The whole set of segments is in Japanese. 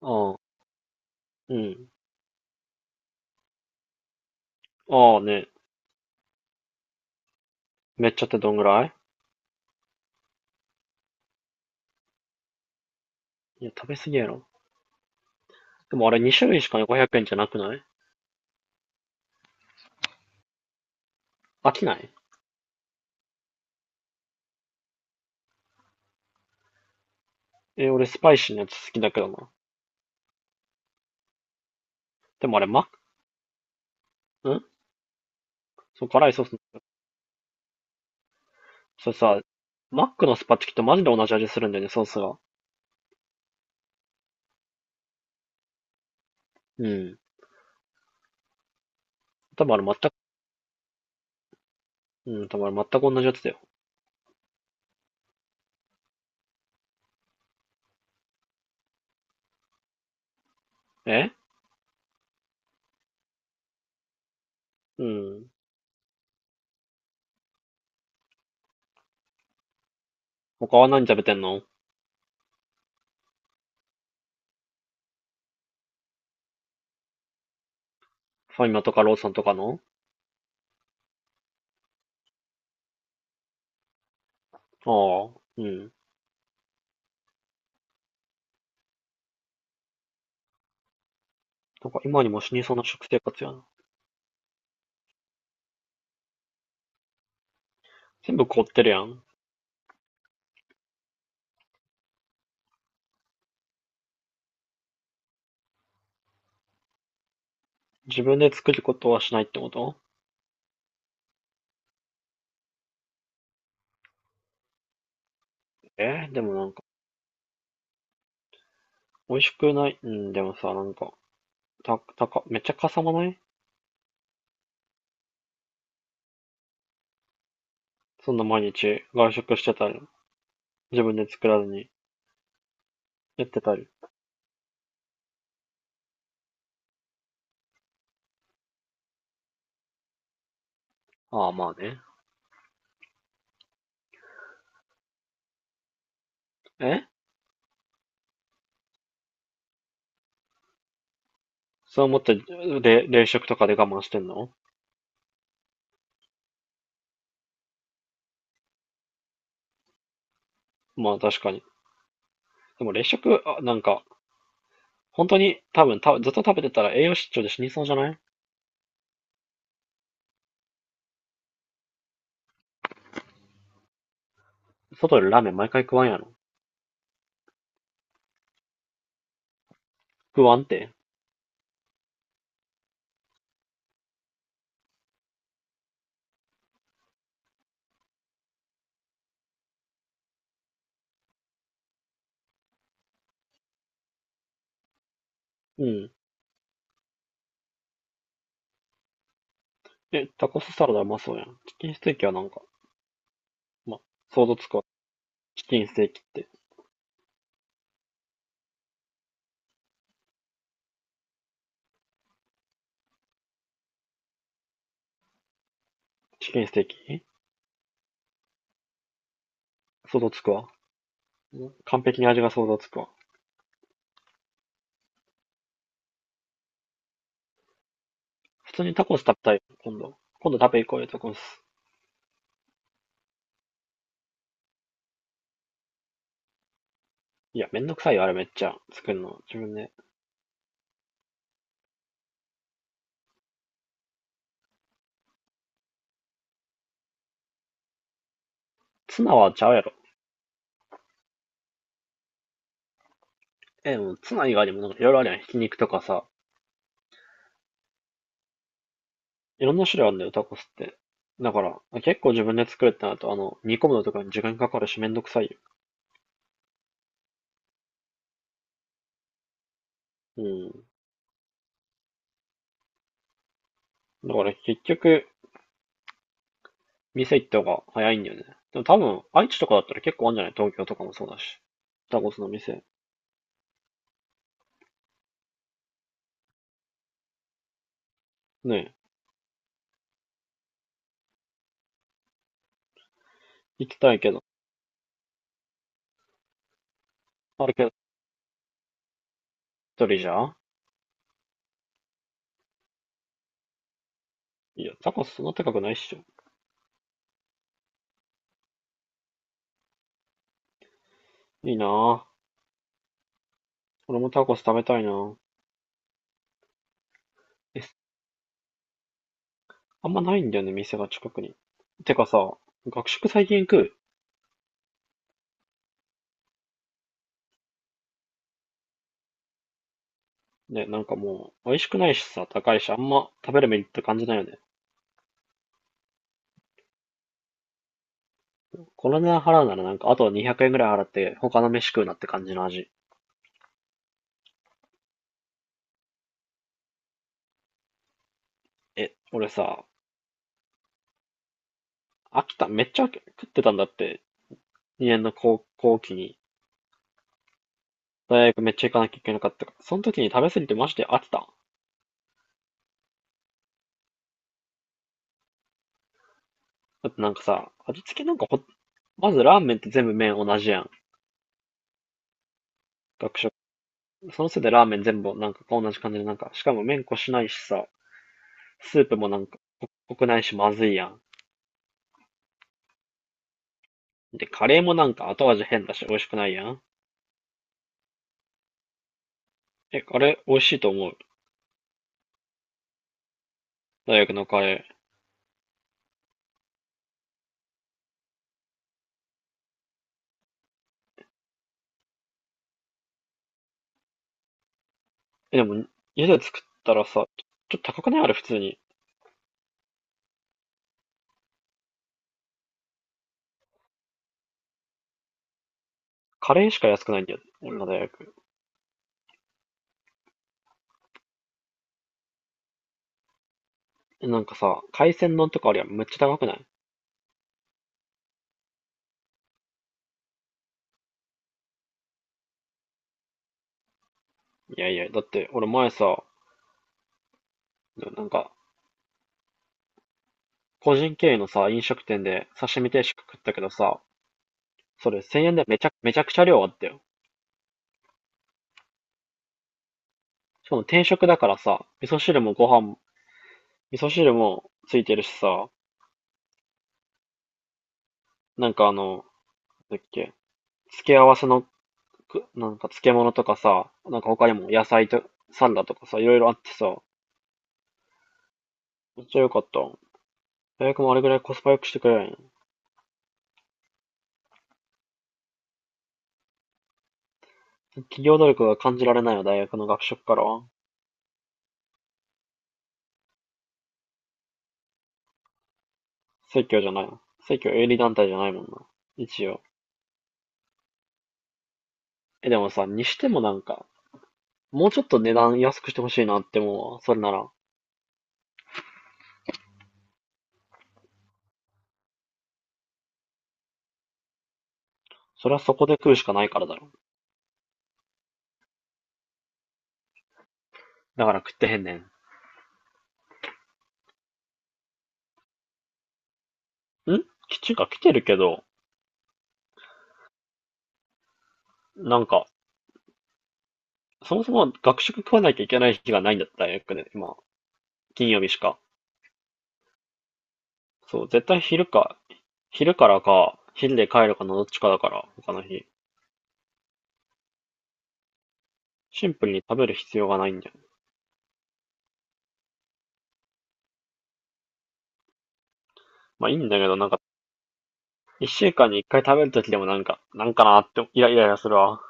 ああ、うん。ああね。めっちゃってどんぐらい？いや、食べ過ぎやろ。でもあれに種類しか500円じゃなくない？飽きない？え、俺スパイシーなやつ好きだけどな。でもあれマック、ん。そう、辛いソース。それさ、マックのスパチキとマジで同じ味するんだよね、ソースが。うん。多分あれ全く、うん、多分あれ全く同じやつだよ。え。うん。他は何食べてんの？ファミマとかローソンとかの？ああ、うん。なんか今にも死にそうな食生活やな。全部凍ってるやん。自分で作ることはしないってこと？でもなんか美味しくない。うん、でもさ、なんか、た、たか、めっちゃかさまない？そんな毎日外食してたり、自分で作らずにやってたり。ああ、まあね。え。そう思って、冷食とかで我慢してんの？まあ確かに。でも冷食、あ、なんか、本当に多分ずっと食べてたら栄養失調で死にそうじゃない？外でラーメン毎回食わんやろ。食わんって。うん。え、タコスサラダうまそうやん。チキンステーキはなんか、ま、想像つくわ。チキンステーキって。チキンステーキ想像つくわ。完璧に味が想像つくわ。普通にタコス食べたい？今度食べ行こうよ、タコス。いや、めんどくさいよ、あれめっちゃ。作るの。自分で。ツナはちゃうやろ。え、もうツナ以外にもなんかいろいろあるやん。ひき肉とかさ。いろんな種類あるんだよ、タコスって。だから、結構自分で作るってなると、煮込むのとかに時間かかるしめんどくさいよ。うん。だから結局、店行った方が早いんだよね。でも多分、愛知とかだったら結構あるんじゃない？東京とかもそうだし。タコスの店。ねえ、行きたいけど。あるけど、一人じゃん？いや、タコスそんな高くないっしょ。いいなぁ。俺もタコス食べたいな。え、あんまないんだよね、店が近くに。てかさ、学食最近食うね、なんかもう、美味しくないしさ、高いし、あんま食べるメリット感じないよね。この値段払うならなんか、あと200円ぐらい払って、他の飯食うなって感じの味。え、俺さ、秋ためっちゃ飽き食ってたんだって、2年の高校期に。大学めっちゃ行かなきゃいけなかったから。その時に食べ過ぎてマジで飽きた。だってなんかさ、味付けなんかまずラーメンって全部麺同じやん。学食。そのせいでラーメン全部なんか同じ感じでなんか、しかも麺こしないしさ、スープもなんか濃くないしまずいやん。で、カレーもなんか後味変だし美味しくないやん。え、あれ美味しいと思う？大学のカレー。え、でも家で作ったらさ、ちょっと高くないあれ普通に？カレーしか安くないんだよ。俺の大学。え、なんかさ、海鮮丼とかありはめっちゃ高くない？いやいや、だって俺前さ、なんか個人経営のさ、飲食店で刺身定食食ったけどさ、それ1000円でめちゃくちゃ量あったよ。しかも定食だからさ、味噌汁もご飯も、味噌汁もついてるしさ、なんかなんだっけ、付け合わせのなんか漬物とかさ、なんか他にも野菜と、サラダとかさ、いろいろあってさ、めっちゃ良かった。大学もあれぐらいコスパ良くしてくれんよ。企業努力が感じられないよ、大学の学食からは。正教じゃないの？正教営利団体じゃないもんな。一応。え、でもさ、にしてもなんか、もうちょっと値段安くしてほしいなって思うわ。それなら。それはそこで食うしかないからだろ。だから食ってへんねん。ん基中学来てるけど、なんか、そもそも学食食わなきゃいけない日がないんだった、大学で。今、金曜日しか。そう、絶対昼か、昼からか、昼で帰るかのどっちかだから、他の日。シンプルに食べる必要がないんだよね。まあいいんだけど、なんか、一週間に一回食べるときでもなんか、なんかなーって、イライライラするわ。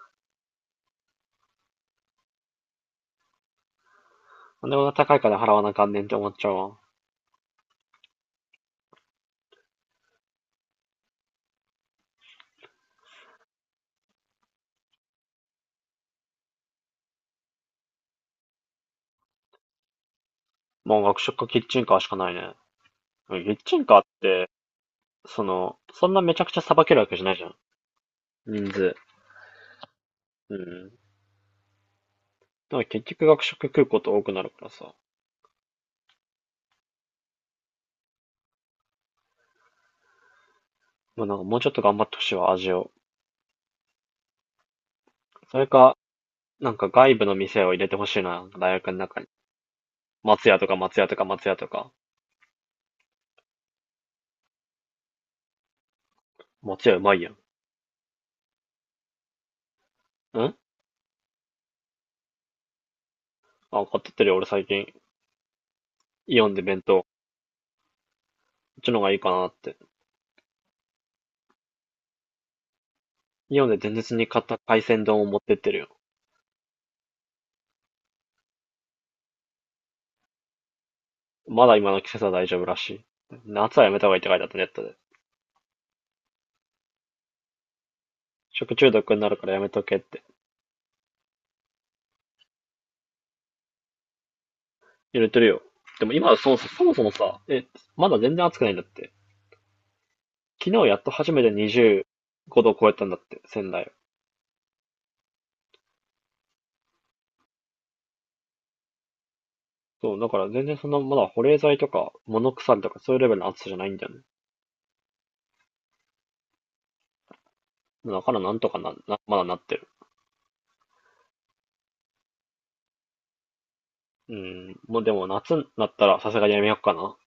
なんでこんな高い金払わなあかんねんって思っちゃうわ。もう学食かキッチンカーしかないね。うん、キッチンカーって、そんなめちゃくちゃ捌けるわけじゃないじゃん。人数。うん。だから結局学食食うこと多くなるからさ。まあなんかもうちょっと頑張ってほしいわ、味を。それか、なんか外部の店を入れてほしいな、大学の中に。松屋とか松屋とか松屋とか。松屋うまいやん。あ、買ってってるよ、俺最近。イオンで弁当。こっちの方がいいかなって。イオンで前日に買った海鮮丼を持ってってるよ。まだ今の季節は大丈夫らしい。夏はやめた方がいいって書いてあったネットで。食中毒になるからやめとけって。入れてるよ。でも今はそうそう、そもそもさ、まだ全然暑くないんだって。昨日やっと初めて25度超えたんだって、仙台を。そう、だから全然そんな、まだ保冷剤とか物腐リとかそういうレベルの暑さじゃないんだよね。だからなんとかな、なまだなってる。うん、もうでも夏になったらさすがにやめようかな。